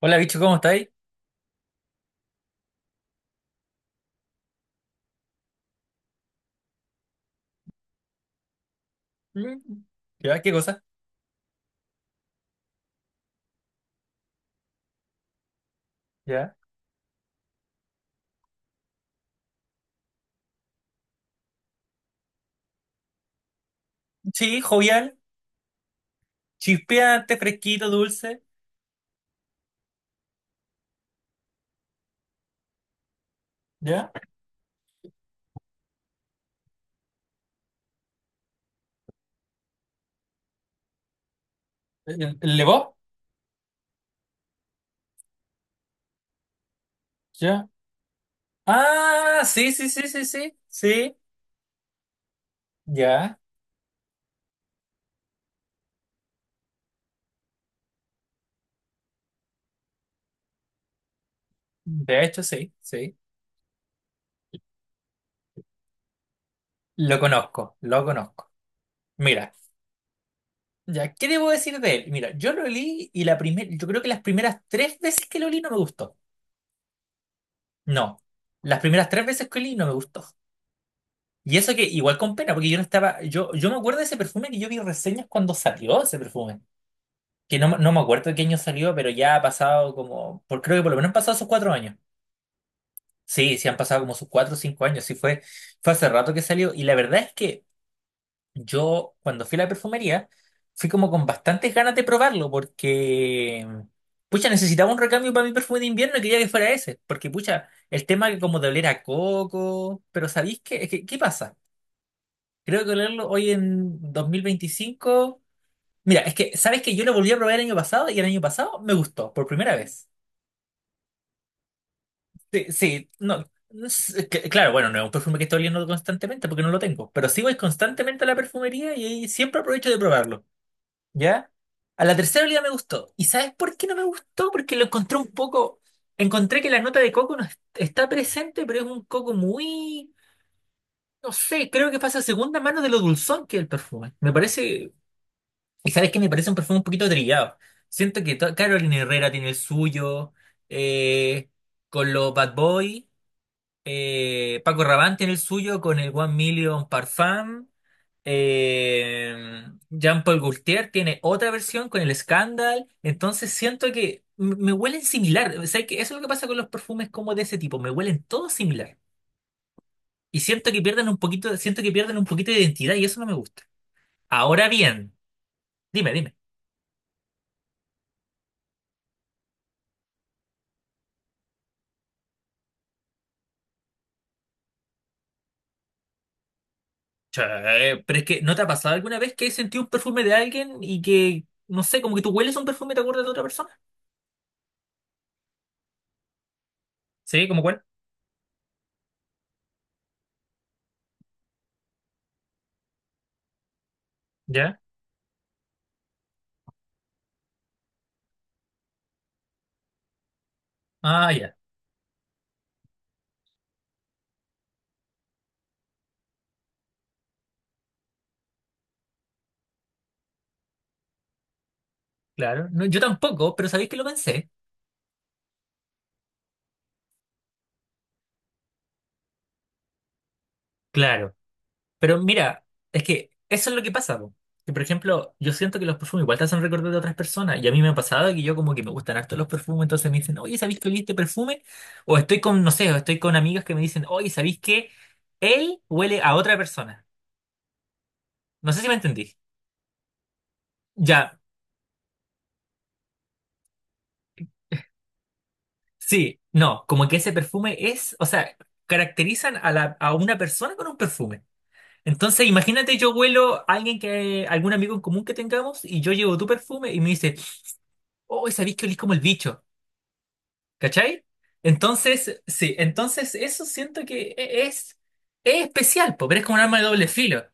Hola, bicho, ¿cómo estáis? Mm. ¿Ya? ¿Qué cosa? ¿Ya? Sí, jovial, chispeante, fresquito, dulce. ¿Ya? ¿El Lebo? ¿Ya? Ah, sí, sí, sí, sí, sí, sí. Ya, de hecho, sí, sí. Lo conozco, lo conozco. Mira, ya, ¿qué debo decir de él? Mira, yo lo leí y la primera, yo creo que las primeras tres veces que lo leí no me gustó. No, las primeras tres veces que leí no me gustó. Y eso que igual con pena, porque yo no estaba, yo me acuerdo de ese perfume que yo vi reseñas cuando salió ese perfume, que no, no me acuerdo de qué año salió, pero ya ha pasado como, por, creo que por lo menos han pasado sus cuatro años. Sí, sí han pasado como sus cuatro o cinco años, sí fue, fue hace rato que salió. Y la verdad es que yo cuando fui a la perfumería, fui como con bastantes ganas de probarlo, porque, pucha, necesitaba un recambio para mi perfume de invierno y quería que fuera ese, porque, pucha, el tema que como de oler a coco, pero ¿sabéis qué, qué pasa? Creo que olerlo hoy en 2025. Mira, es que, ¿sabes que yo lo volví a probar el año pasado y el año pasado me gustó por primera vez? Sí, sí, no. no Claro, bueno, no es un perfume que estoy oliendo constantemente porque no lo tengo, pero sí voy constantemente a la perfumería y ahí siempre aprovecho de probarlo. ¿Ya? A la tercera olía me gustó. ¿Y sabes por qué no me gustó? Porque lo encontré un poco. Encontré que la nota de coco no es- está presente, pero es un coco muy. No sé, creo que pasa a segunda mano de lo dulzón que es el perfume. Me parece. ¿Y sabes qué? Me parece un perfume un poquito trillado. Siento que Carolina Herrera tiene el suyo. eh, con los Bad Boy, Paco Rabanne tiene el suyo con el One Million Parfum. Eh, Jean-Paul Gaultier tiene otra versión con el Scandal. Entonces siento que me huelen similar. O sea, que eso es lo que pasa con los perfumes como de ese tipo. Me huelen todos similar. Y siento que pierden un poquito, siento que pierden un poquito de identidad y eso no me gusta. Ahora bien, dime, dime. Che, pero es que ¿no te ha pasado alguna vez que has sentido un perfume de alguien y que, no sé, como que tú hueles un perfume y te acuerdas de otra persona? Sí, ¿como cuál? ¿Ya? Ah, ya. Claro, no, yo tampoco, pero sabéis que lo pensé. Claro, pero mira, es que eso es lo que pasa, po. Que, por ejemplo, yo siento que los perfumes igual te hacen recordar de otras personas. Y a mí me ha pasado que yo como que me gustan harto los perfumes, entonces me dicen, oye, ¿sabéis que olí este perfume? O estoy con, no sé, o estoy con amigas que me dicen, oye, ¿sabéis que él huele a otra persona? No sé si me entendí. Ya, sí, no, como que ese perfume es, o sea, caracterizan a la, a una persona con un perfume. Entonces, imagínate, yo huelo a alguien que, algún amigo en común que tengamos, y yo llevo tu perfume y me dice, oh, sabéis que olís como el bicho, ¿cachai? Entonces, sí, entonces eso siento que es especial, po, pero es como un arma de doble filo,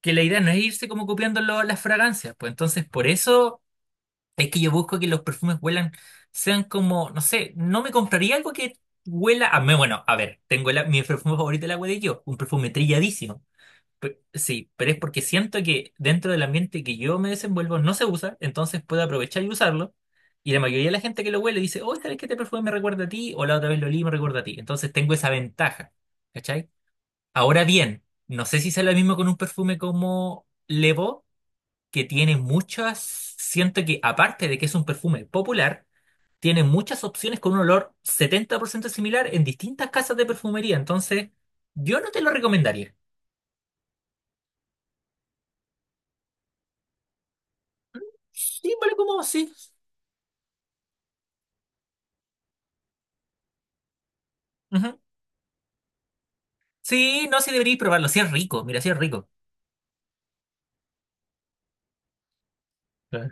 que la idea no es irse como copiando las fragancias, pues entonces por eso es que yo busco que los perfumes huelan, sean como, no sé, no me compraría algo que huela a mí, bueno, a ver, tengo mi perfume favorito, la huele yo, un perfume trilladísimo. Sí, pero es porque siento que dentro del ambiente que yo me desenvuelvo no se usa, entonces puedo aprovechar y usarlo. Y la mayoría de la gente que lo huele dice, oh, esta vez que te perfume me recuerda a ti, o la otra vez lo olí y me recuerda a ti. Entonces tengo esa ventaja, ¿cachai? Ahora bien, no sé si sea lo mismo con un perfume como Levo, que tiene muchas, siento que aparte de que es un perfume popular, tiene muchas opciones con un olor 70% similar en distintas casas de perfumería. Entonces, yo no te lo recomendaría. Sí, vale, como sí. Ujú. Sí, no, sí deberíais probarlo. Sí es rico, mira, sí es rico. Claro,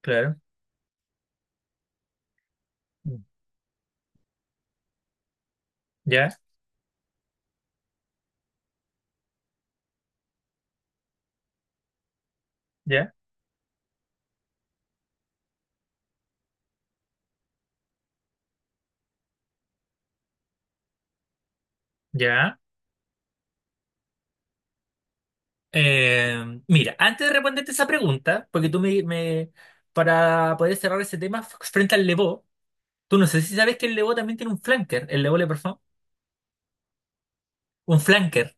claro. Ya, ya, ya. Mira, antes de responderte esa pregunta, porque para poder cerrar ese tema frente al Levó, tú no sé si sabes que el Levó también tiene un flanker, el Levó le Parfum, un flanker.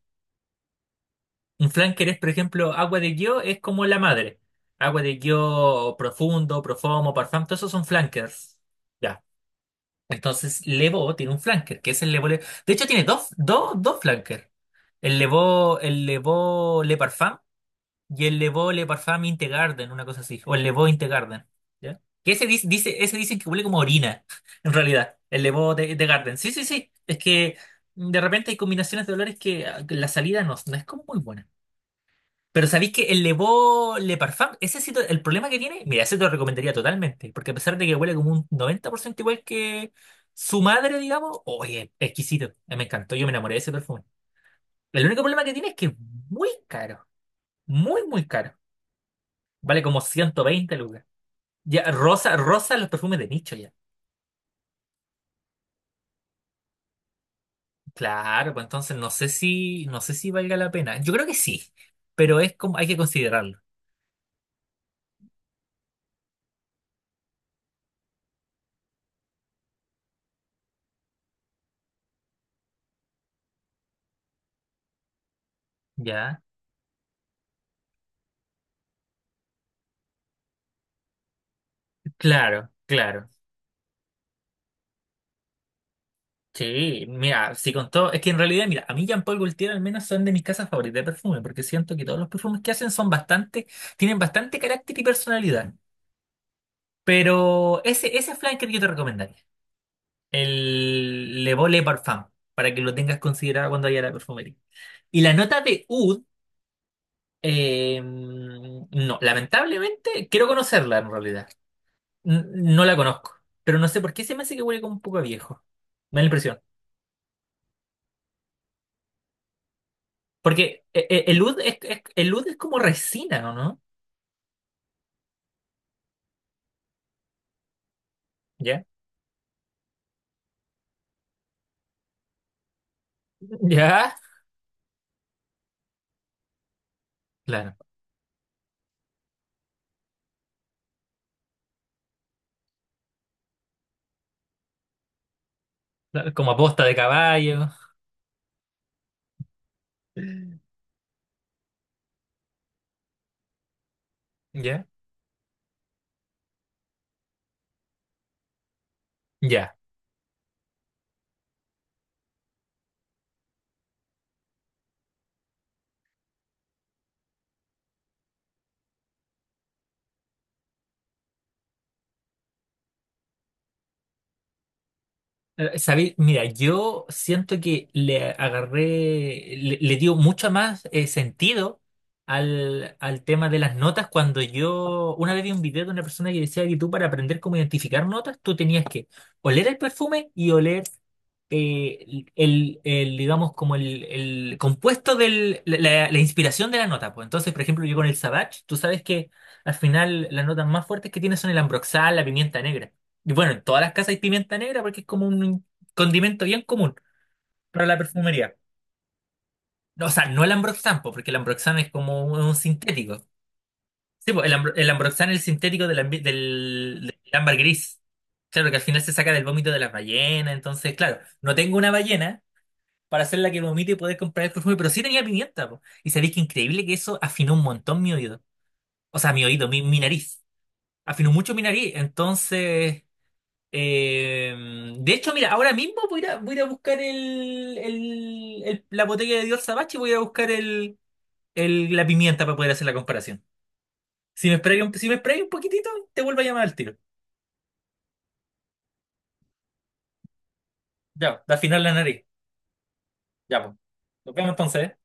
Un flanker es, por ejemplo, agua de guio es como la madre. Agua de guio profundo, profumo, parfum, todos esos son flankers. Ya. Entonces, Levó tiene un flanker, que es el De hecho, tiene dos flankers. El Levó Le Parfum y el Levó Le Parfum Integarden, una cosa así. O el Levó Integarden. ¿Ya? Que ese ese dicen que huele como orina, en realidad. El Levó de Garden. Sí, sí, sí. Es que de repente hay combinaciones de olores que ah, que la salida no, no es como muy buena. Pero sabéis que el Levó Le Parfum, ese sí, el problema que tiene, mira, ese te lo recomendaría totalmente. Porque a pesar de que huele como un 90% igual que su madre, digamos, oye, exquisito. Me encantó, yo me enamoré de ese perfume. El único problema que tiene es que es muy caro. Muy, muy caro. Vale como 120 lucas. Ya, rosa, rosa los perfumes de nicho ya. Claro, pues entonces no sé si, no sé si valga la pena. Yo creo que sí, pero es como, hay que considerarlo. Ya, claro, claro. Sí, mira, si con todo, es que en realidad, mira, a mí Jean-Paul Gaultier al menos son de mis casas favoritas de perfume, porque siento que todos los perfumes que hacen son bastante, tienen bastante carácter y personalidad. Pero ese flanker yo te recomendaría. El Le Beau Le Parfum, para que lo tengas considerado cuando vaya a la perfumería. Y la nota de oud, no, lamentablemente, quiero conocerla en realidad. N- no la conozco, pero no sé por qué se me hace que huele como un poco a viejo. Me da la impresión. Porque el oud el oud es como resina, ¿o no? ¿Ya? ¿Ya? Claro. Claro, como aposta de caballo. ¿Ya? ¿Ya? Sabéis, mira, yo siento que le agarré, le dio mucho más sentido al tema de las notas cuando yo una vez vi un video de una persona que decía que tú para aprender cómo identificar notas, tú tenías que oler el perfume y oler digamos, como el compuesto del, la- inspiración de la nota. Pues entonces, por ejemplo, yo con el Savage, tú sabes que al final las notas más fuertes que tiene son el ambroxal, la pimienta negra. Y bueno, en todas las casas hay pimienta negra porque es como un condimento bien común para la perfumería. O sea, no el ambroxan, po, porque el ambroxan es como un sintético. Sí, po, el, el ambroxan es el sintético del, del, del ámbar gris. Claro, que al final se saca del vómito de las ballenas. Entonces, claro, no tengo una ballena para hacerla que vomite y poder comprar el perfume, pero sí tenía pimienta, po. Y sabéis que increíble que eso afinó un montón mi oído. O sea, mi oído, mi nariz. Afinó mucho mi nariz. Entonces. Eh, de hecho, mira, ahora mismo voy a ir a buscar la botella de Dios Sabache y voy a buscar la pimienta para poder hacer la comparación. Si me esperáis un, si me esperáis un poquitito, te vuelvo a llamar al tiro. Ya, al final la nariz. Ya, pues. Nos vemos entonces. ¿Eh?